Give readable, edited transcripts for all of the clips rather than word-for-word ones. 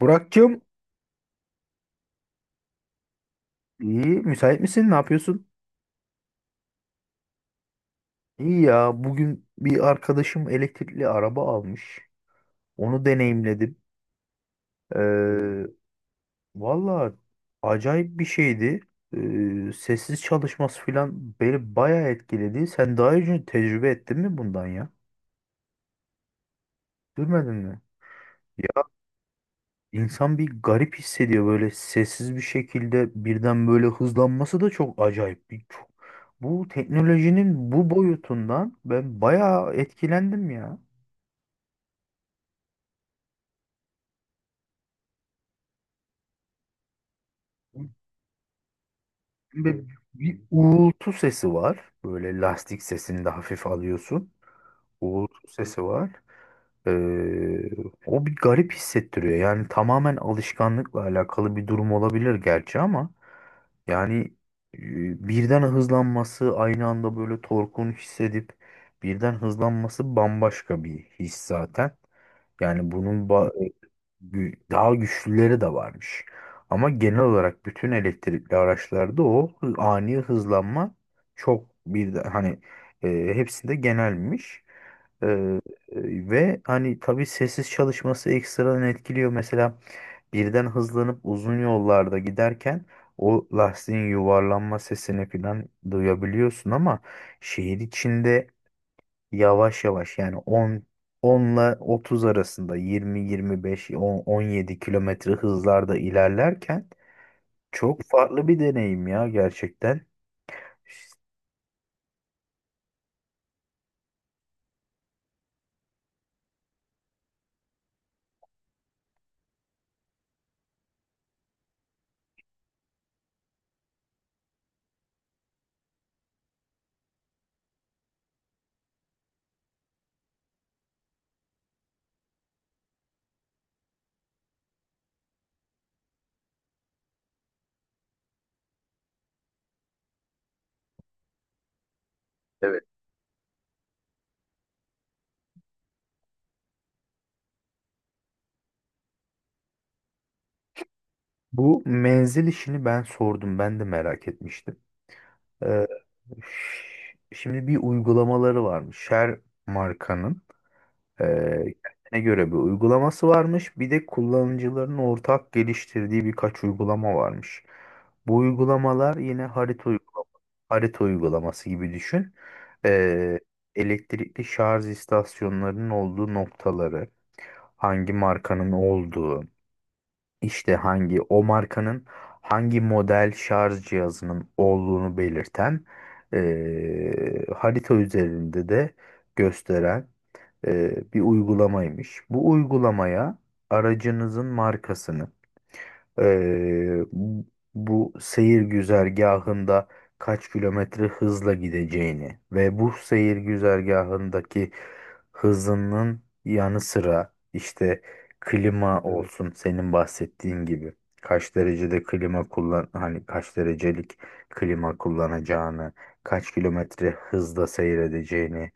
Burak'cığım, iyi, müsait misin? Ne yapıyorsun? İyi ya, bugün bir arkadaşım elektrikli araba almış. Onu deneyimledim. Ee, Valla acayip bir şeydi. Sessiz çalışması falan beni bayağı etkiledi. Sen daha önce tecrübe ettin mi bundan ya? Duymadın mı? Ya, insan bir garip hissediyor, böyle sessiz bir şekilde birden böyle hızlanması da çok acayip. Bu teknolojinin bu boyutundan ben bayağı etkilendim ya. Ve bir uğultu sesi var. Böyle lastik sesini de hafif alıyorsun. Uğultu sesi var. Ee, O bir garip hissettiriyor. Yani tamamen alışkanlıkla alakalı bir durum olabilir gerçi ama yani birden hızlanması aynı anda böyle torkun hissedip birden hızlanması bambaşka bir his zaten. Yani bunun ba- e, gü- Daha güçlüleri de varmış. Ama genel olarak bütün elektrikli araçlarda ani hızlanma çok bir hani, hepsinde genelmiş. Ve hani tabii sessiz çalışması ekstradan etkiliyor. Mesela birden hızlanıp uzun yollarda giderken o lastiğin yuvarlanma sesini falan duyabiliyorsun ama şehir içinde yavaş yavaş, yani 10 ile 30 arasında, 20, 25, 10, 17 kilometre hızlarda ilerlerken çok farklı bir deneyim ya gerçekten. Evet. Bu menzil işini ben sordum. Ben de merak etmiştim. Şimdi bir uygulamaları varmış. Her markanın, e, kendine göre bir uygulaması varmış. Bir de kullanıcıların ortak geliştirdiği birkaç uygulama varmış. Bu uygulamalar yine harita uygulama, harita uygulaması gibi düşün. E, Elektrikli şarj istasyonlarının olduğu noktaları, hangi markanın olduğu, işte hangi o markanın hangi model şarj cihazının olduğunu belirten, harita üzerinde de gösteren, bir uygulamaymış. Bu uygulamaya aracınızın markasını, bu seyir güzergahında kaç kilometre hızla gideceğini ve bu seyir güzergahındaki hızının yanı sıra işte klima, evet, olsun, senin bahsettiğin gibi kaç derecede klima kullan, hani kaç derecelik klima kullanacağını, kaç kilometre hızla seyredeceğini,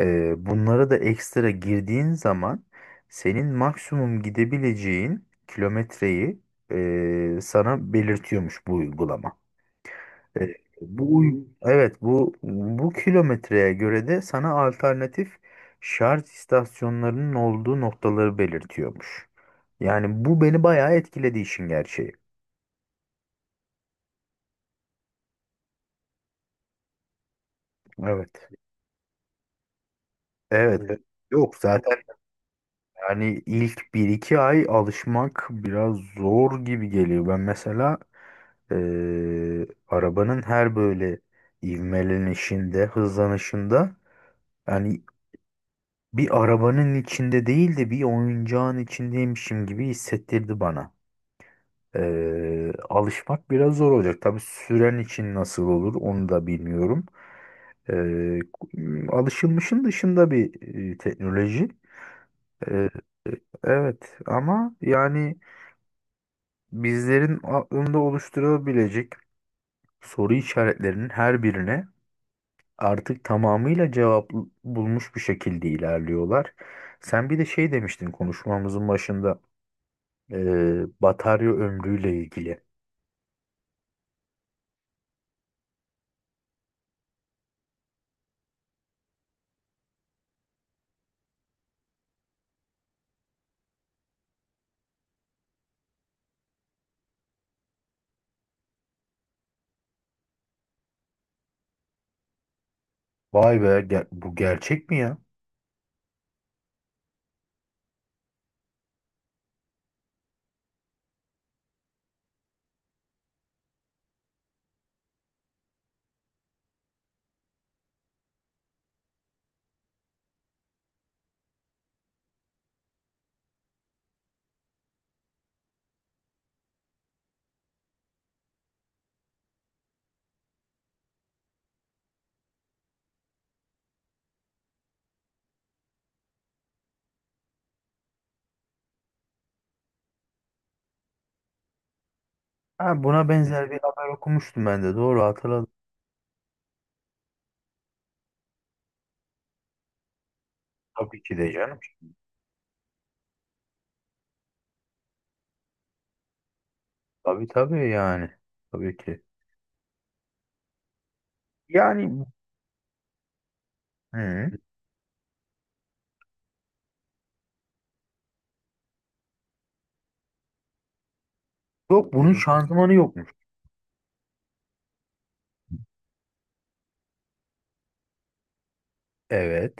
bunlara da ekstra girdiğin zaman senin maksimum gidebileceğin kilometreyi, sana belirtiyormuş bu uygulama. E, evet, bu kilometreye göre de sana alternatif şarj istasyonlarının olduğu noktaları belirtiyormuş. Yani bu beni bayağı etkiledi işin gerçeği. Evet. Evet. Hmm. Evet. Yok zaten, yani ilk bir iki ay alışmak biraz zor gibi geliyor. Ben mesela, e, arabanın her böyle ivmelenişinde, hızlanışında, yani bir arabanın içinde değil de bir oyuncağın içindeymişim gibi hissettirdi bana. Alışmak biraz zor olacak. Tabii süren için nasıl olur onu da bilmiyorum. Ee, Alışılmışın dışında bir, teknoloji. Ee, evet, ama yani bizlerin aklında oluşturabilecek soru işaretlerinin her birine artık tamamıyla cevap bulmuş bir şekilde ilerliyorlar. Sen bir de şey demiştin konuşmamızın başında. Batarya ömrüyle ilgili. Bu gerçek mi ya? Ha, buna benzer bir haber okumuştum ben de. Doğru hatırladım. Tabii ki de canım. Tabii tabii yani. Tabii ki. Yani hı. Yok, bunun şanzımanı yokmuş. Evet.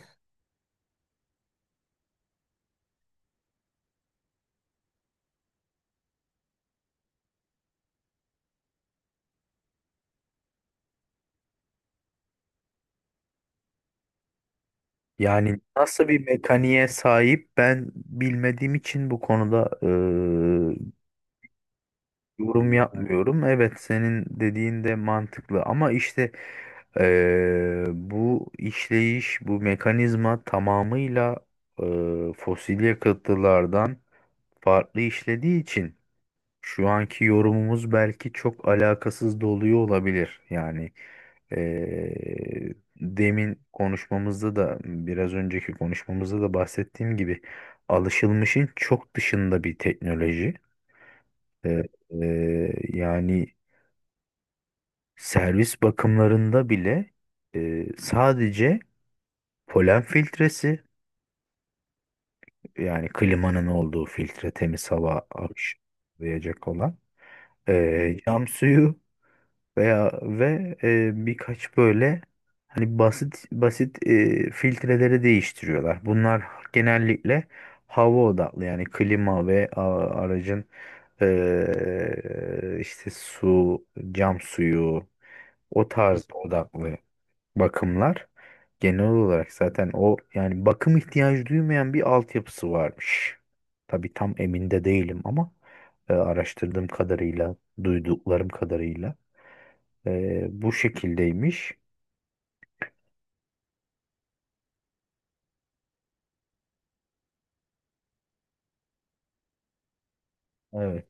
Yani nasıl bir mekaniğe sahip ben bilmediğim için bu konuda yorum yapmıyorum. Evet, senin dediğin de mantıklı ama işte bu işleyiş, bu mekanizma tamamıyla fosil yakıtlardan farklı işlediği için şu anki yorumumuz belki çok alakasız da oluyor olabilir. Yani demin konuşmamızda da, biraz önceki konuşmamızda da bahsettiğim gibi, alışılmışın çok dışında bir teknoloji. Eee, Yani servis bakımlarında bile, sadece polen filtresi, yani klimanın olduğu filtre temiz hava akışlayacak olan, cam suyu veya birkaç böyle, hani, basit basit, filtreleri değiştiriyorlar. Bunlar genellikle hava odaklı, yani klima aracın, işte su, cam suyu, o tarz odaklı bakımlar. Genel olarak zaten o, yani bakım ihtiyacı duymayan bir altyapısı varmış. Tabii tam emin de değilim ama, araştırdığım kadarıyla, duyduklarım kadarıyla, bu şekildeymiş. Evet.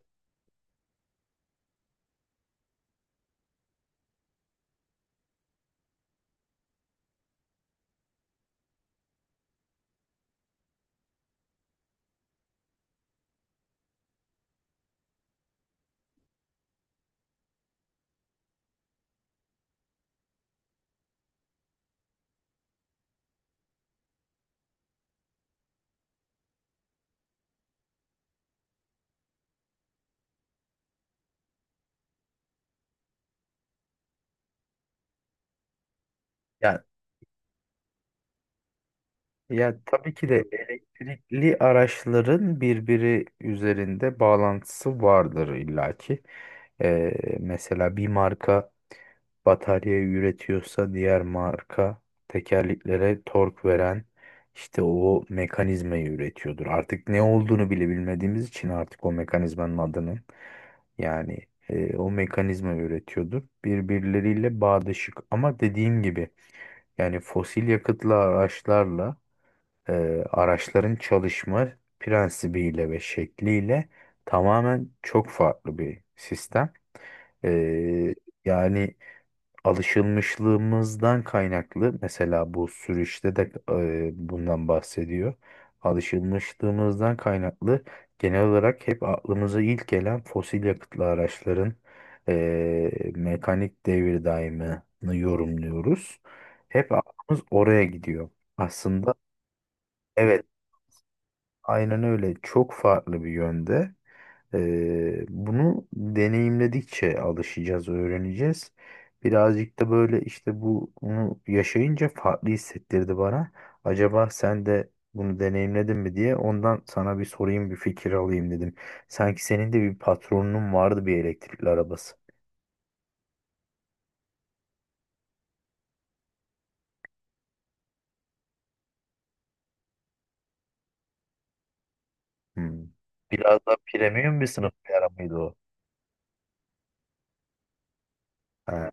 Ya, ya tabii ki de elektrikli araçların birbiri üzerinde bağlantısı vardır illaki. Ee, Mesela bir marka batarya üretiyorsa, diğer marka tekerleklere tork veren işte o mekanizmayı üretiyordur. Artık ne olduğunu bile bilmediğimiz için artık o mekanizmanın adının, yani, o mekanizma üretiyordur. Birbirleriyle bağdaşık ama dediğim gibi yani fosil yakıtlı araçlarla, e, araçların çalışma prensibiyle ve şekliyle tamamen çok farklı bir sistem. E, Yani alışılmışlığımızdan kaynaklı mesela bu sürüşte de, bundan bahsediyor. Alışılmışlığımızdan kaynaklı genel olarak hep aklımıza ilk gelen fosil yakıtlı araçların, mekanik devir daimini yorumluyoruz. Hep aklımız oraya gidiyor. Aslında evet, aynen öyle, çok farklı bir yönde. Bunu deneyimledikçe alışacağız, öğreneceğiz. Birazcık da böyle işte bunu yaşayınca farklı hissettirdi bana. Acaba sen de bunu deneyimledin mi diye, ondan sana bir sorayım, bir fikir alayım dedim. Sanki senin de bir patronunun vardı, bir elektrikli arabası. Hmm. Biraz da premium bir sınıf bir ara o? Ha,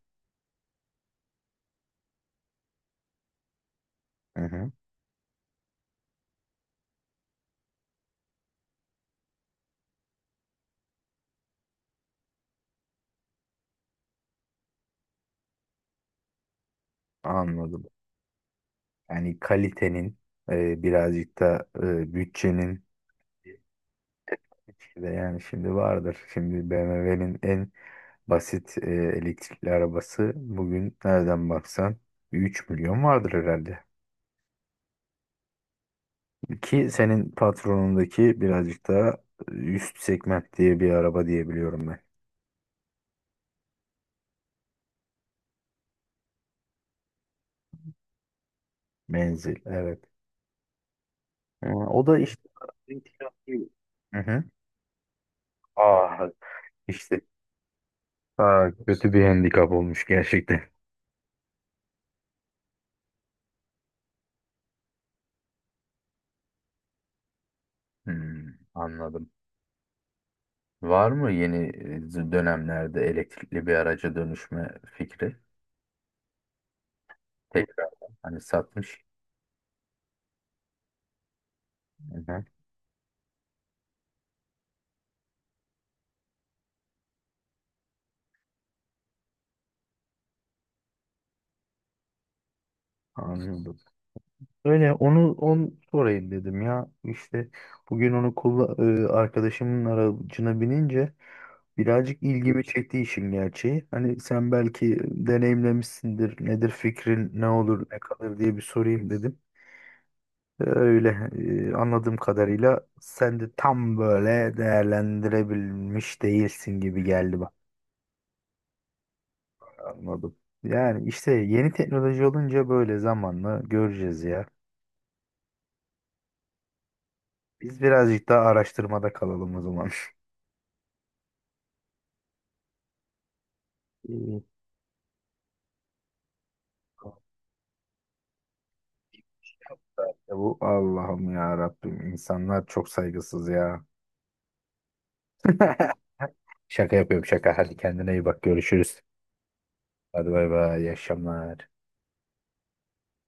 hı hı, anladım. Yani kalitenin, birazcık da bütçenin de yani, şimdi vardır. Şimdi BMW'nin en basit elektrikli arabası bugün nereden baksan 3 milyon vardır herhalde. Ki senin patronundaki birazcık daha üst segment diye bir araba diyebiliyorum ben. Menzil, evet. O da işte. Hı hı. Ah, işte, ah, kötü bir handikap olmuş gerçekten. Hmm, anladım. Var mı yeni, dönemlerde elektrikli bir araca dönüşme fikri? Tekrar hani satmış. Hı-hı. Anladım. Öyle onu on sorayım dedim ya. İşte bugün arkadaşımın aracına binince birazcık ilgimi çekti işin gerçeği. Hani sen belki deneyimlemişsindir. Nedir fikrin, ne olur, ne kalır diye bir sorayım dedim. Öyle, anladığım kadarıyla sen de tam böyle değerlendirebilmiş değilsin gibi geldi bak. Anladım. Yani işte yeni teknoloji olunca böyle zamanla göreceğiz ya. Biz birazcık daha araştırmada kalalım o zaman. İyi. Ya bu Allah'ım, ya Rabbim, insanlar çok saygısız ya. Şaka yapıyorum, şaka. Hadi kendine iyi bak, görüşürüz. Hadi bay bay, iyi akşamlar.